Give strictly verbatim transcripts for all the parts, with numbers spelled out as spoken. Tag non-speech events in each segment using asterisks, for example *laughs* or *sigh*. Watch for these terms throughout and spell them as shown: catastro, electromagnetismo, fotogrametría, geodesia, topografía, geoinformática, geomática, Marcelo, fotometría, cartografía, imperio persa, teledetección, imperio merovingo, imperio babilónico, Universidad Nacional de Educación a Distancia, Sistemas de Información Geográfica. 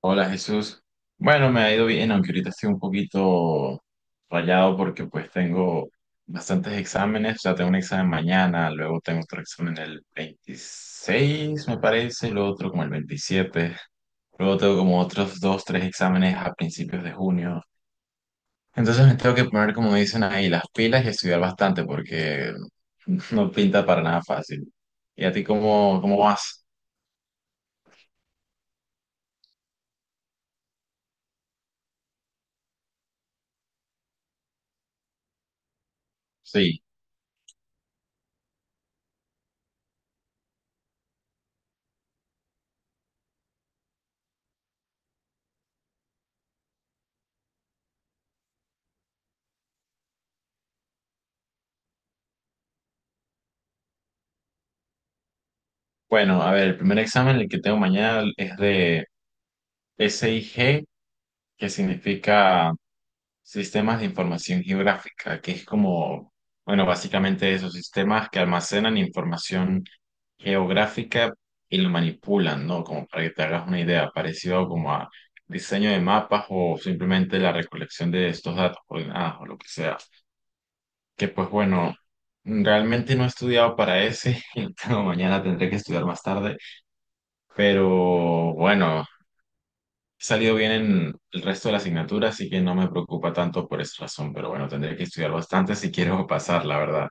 Hola Jesús. Bueno, me ha ido bien, aunque ahorita estoy un poquito rayado porque pues tengo bastantes exámenes, o sea, tengo un examen mañana, luego tengo otro examen el veintiséis, me parece, y luego otro como el veintisiete. Luego tengo como otros dos, tres exámenes a principios de junio. Entonces me tengo que poner, como dicen ahí, las pilas y estudiar bastante porque *laughs* no pinta para nada fácil. ¿Y a ti cómo, cómo vas? Sí. Bueno, a ver, el primer examen, el que tengo mañana, es de SIG, que significa Sistemas de Información Geográfica, que es como, bueno, básicamente esos sistemas que almacenan información geográfica y lo manipulan, ¿no? Como para que te hagas una idea, parecido como a diseño de mapas o simplemente la recolección de estos datos coordenados o lo que sea. Que pues bueno, realmente no he estudiado para ese, *laughs* y mañana tendré que estudiar más tarde, pero bueno. He salido bien en el resto de la asignatura, así que no me preocupa tanto por esa razón, pero bueno, tendré que estudiar bastante si quiero *laughs* pasar, la verdad.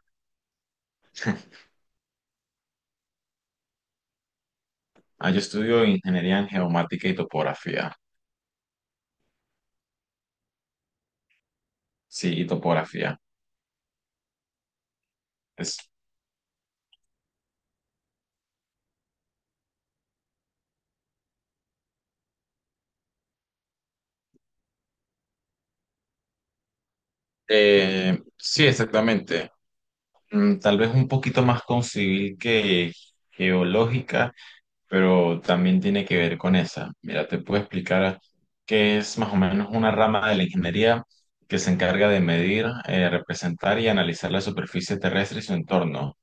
Ah, yo estudio ingeniería en geomática y topografía. Sí, y topografía. Es, eh, sí, exactamente. Mm, Tal vez un poquito más con civil que geológica, pero también tiene que ver con esa. Mira, te puedo explicar qué es más o menos una rama de la ingeniería que se encarga de medir, eh, representar y analizar la superficie terrestre y su entorno.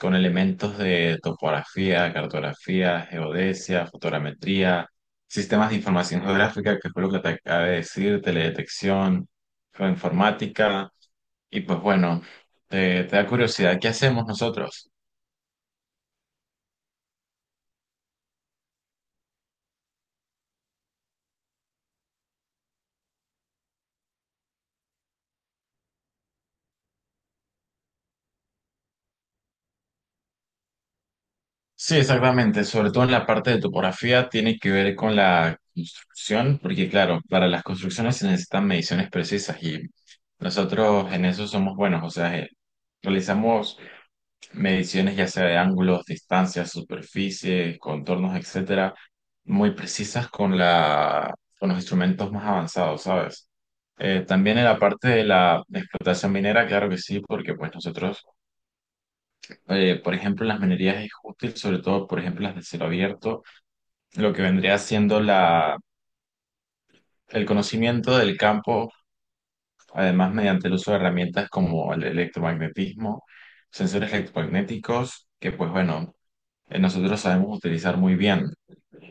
Con elementos de topografía, cartografía, geodesia, fotogrametría, sistemas de información geográfica, que fue lo que te acabé de decir, teledetección, geoinformática. Y pues bueno, te, te da curiosidad, ¿qué hacemos nosotros? Sí, exactamente, sobre todo en la parte de topografía tiene que ver con la construcción, porque claro, para las construcciones se necesitan mediciones precisas y nosotros en eso somos buenos, o sea, eh, realizamos mediciones ya sea de ángulos, distancias, superficies, contornos, etcétera, muy precisas con la, con los instrumentos más avanzados, ¿sabes? Eh, también en la parte de la explotación minera, claro que sí, porque pues nosotros, eh, por ejemplo, en las minerías es útil, sobre todo, por ejemplo, las de cielo abierto, lo que vendría siendo la, el conocimiento del campo, además mediante el uso de herramientas como el electromagnetismo, sensores electromagnéticos, que pues bueno, eh, nosotros sabemos utilizar muy bien.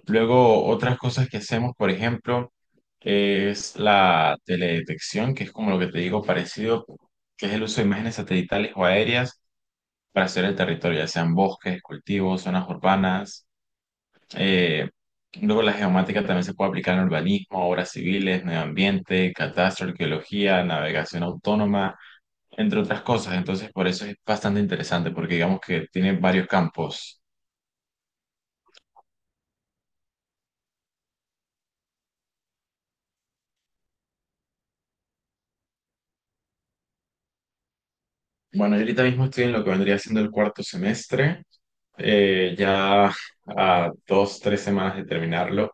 Luego, otras cosas que hacemos, por ejemplo, es la teledetección, que es como lo que te digo parecido, que es el uso de imágenes satelitales o aéreas para hacer el territorio, ya sean bosques, cultivos, zonas urbanas. Eh, Luego, la geomática también se puede aplicar en urbanismo, obras civiles, medio ambiente, catastro, arqueología, navegación autónoma, entre otras cosas. Entonces, por eso es bastante interesante, porque digamos que tiene varios campos. Bueno, yo ahorita mismo estoy en lo que vendría siendo el cuarto semestre. Eh, ya a dos, tres semanas de terminarlo.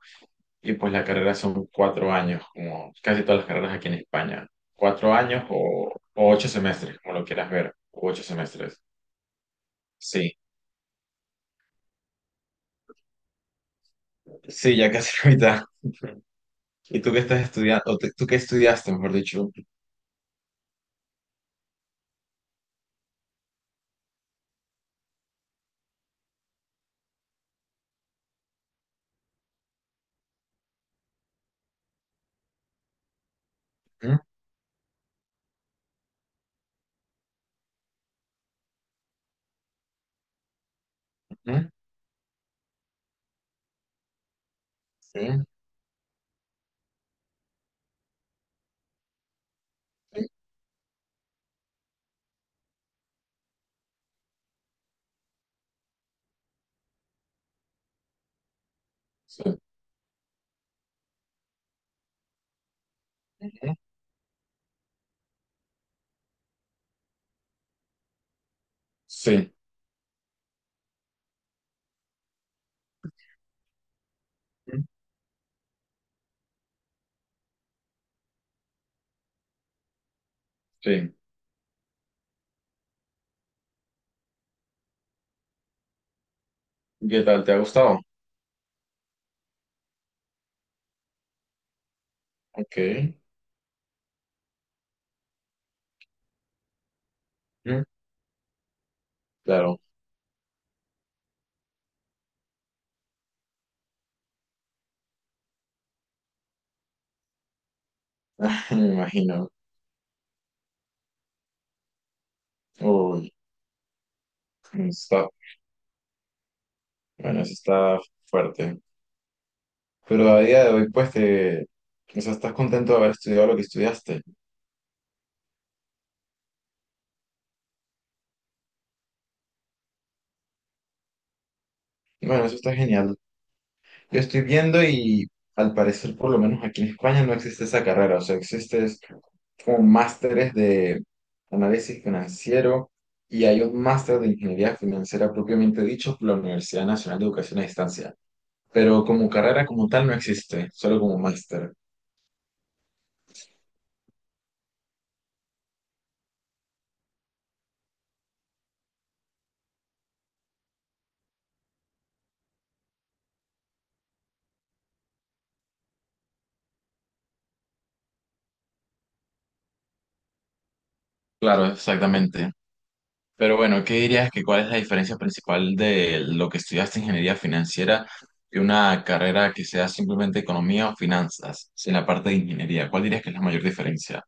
Y pues la carrera son cuatro años, como casi todas las carreras aquí en España. Cuatro años o, o ocho semestres, como lo quieras ver. O ocho semestres. Sí, sí, ya casi la mitad. ¿Y tú qué estás estudiando? ¿O tú tú qué estudiaste, mejor dicho? Ujú, ujú, sí, sí, sí. Ujú, sí, ujú, sí. ¿Qué tal? ¿Te ha gustado? Ok. Ujú, claro. *laughs* Me imagino. Uy, está, bueno, eso está fuerte. Pero a día de hoy, pues te, o sea, estás contento de haber estudiado lo que estudiaste. Y bueno, eso está genial. Yo estoy viendo y al parecer, por lo menos aquí en España, no existe esa carrera. O sea, existe es como másteres de análisis financiero y hay un máster de ingeniería financiera propiamente dicho por la Universidad Nacional de Educación a Distancia. Pero como carrera como tal no existe, solo como máster. Claro, exactamente. Pero bueno, ¿qué dirías que cuál es la diferencia principal de lo que estudiaste ingeniería financiera y una carrera que sea simplemente economía o finanzas, sin la parte de ingeniería? ¿Cuál dirías que es la mayor diferencia?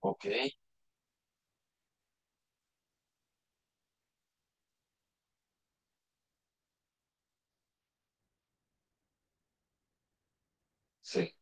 Ok, sí.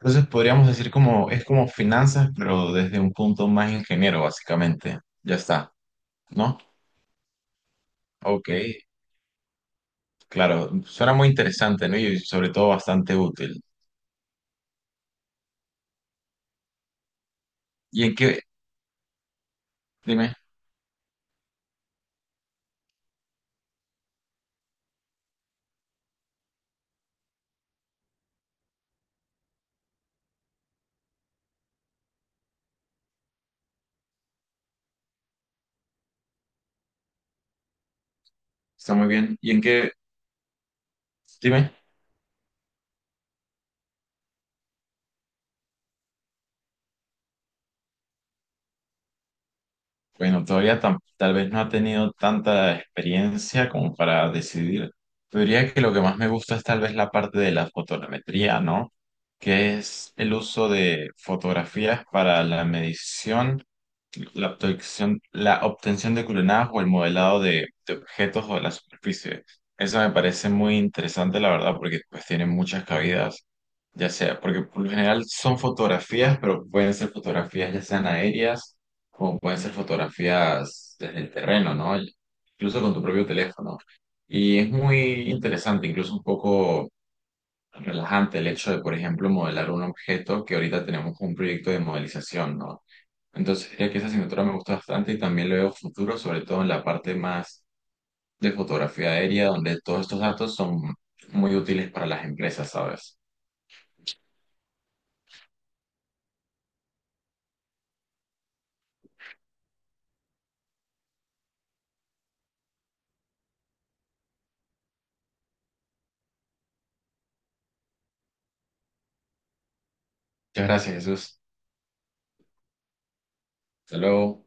Entonces podríamos decir como es como finanzas, pero desde un punto más ingeniero, básicamente. Ya está, ¿no? Ok, claro, suena muy interesante, ¿no? Y sobre todo bastante útil. ¿Y en qué? Dime, está muy bien. ¿Y en qué? Dime. Bueno, todavía tam- tal vez no ha tenido tanta experiencia como para decidir. Yo diría que lo que más me gusta es tal vez la parte de la fotometría, ¿no? Que es el uso de fotografías para la medición la obtención, la obtención de culenadas o el modelado de, de objetos o de la superficie. Eso me parece muy interesante, la verdad, porque pues tiene muchas cabidas, ya sea, porque por lo general son fotografías, pero pueden ser fotografías ya sean aéreas o pueden ser fotografías desde el terreno, ¿no? Incluso con tu propio teléfono. Y es muy interesante, incluso un poco relajante el hecho de, por ejemplo, modelar un objeto que ahorita tenemos un proyecto de modelización, ¿no? Entonces diría que esa asignatura me gusta bastante y también le veo futuro, sobre todo en la parte más de fotografía aérea, donde todos estos datos son muy útiles para las empresas, ¿sabes? Muchas gracias, Jesús. Hasta luego.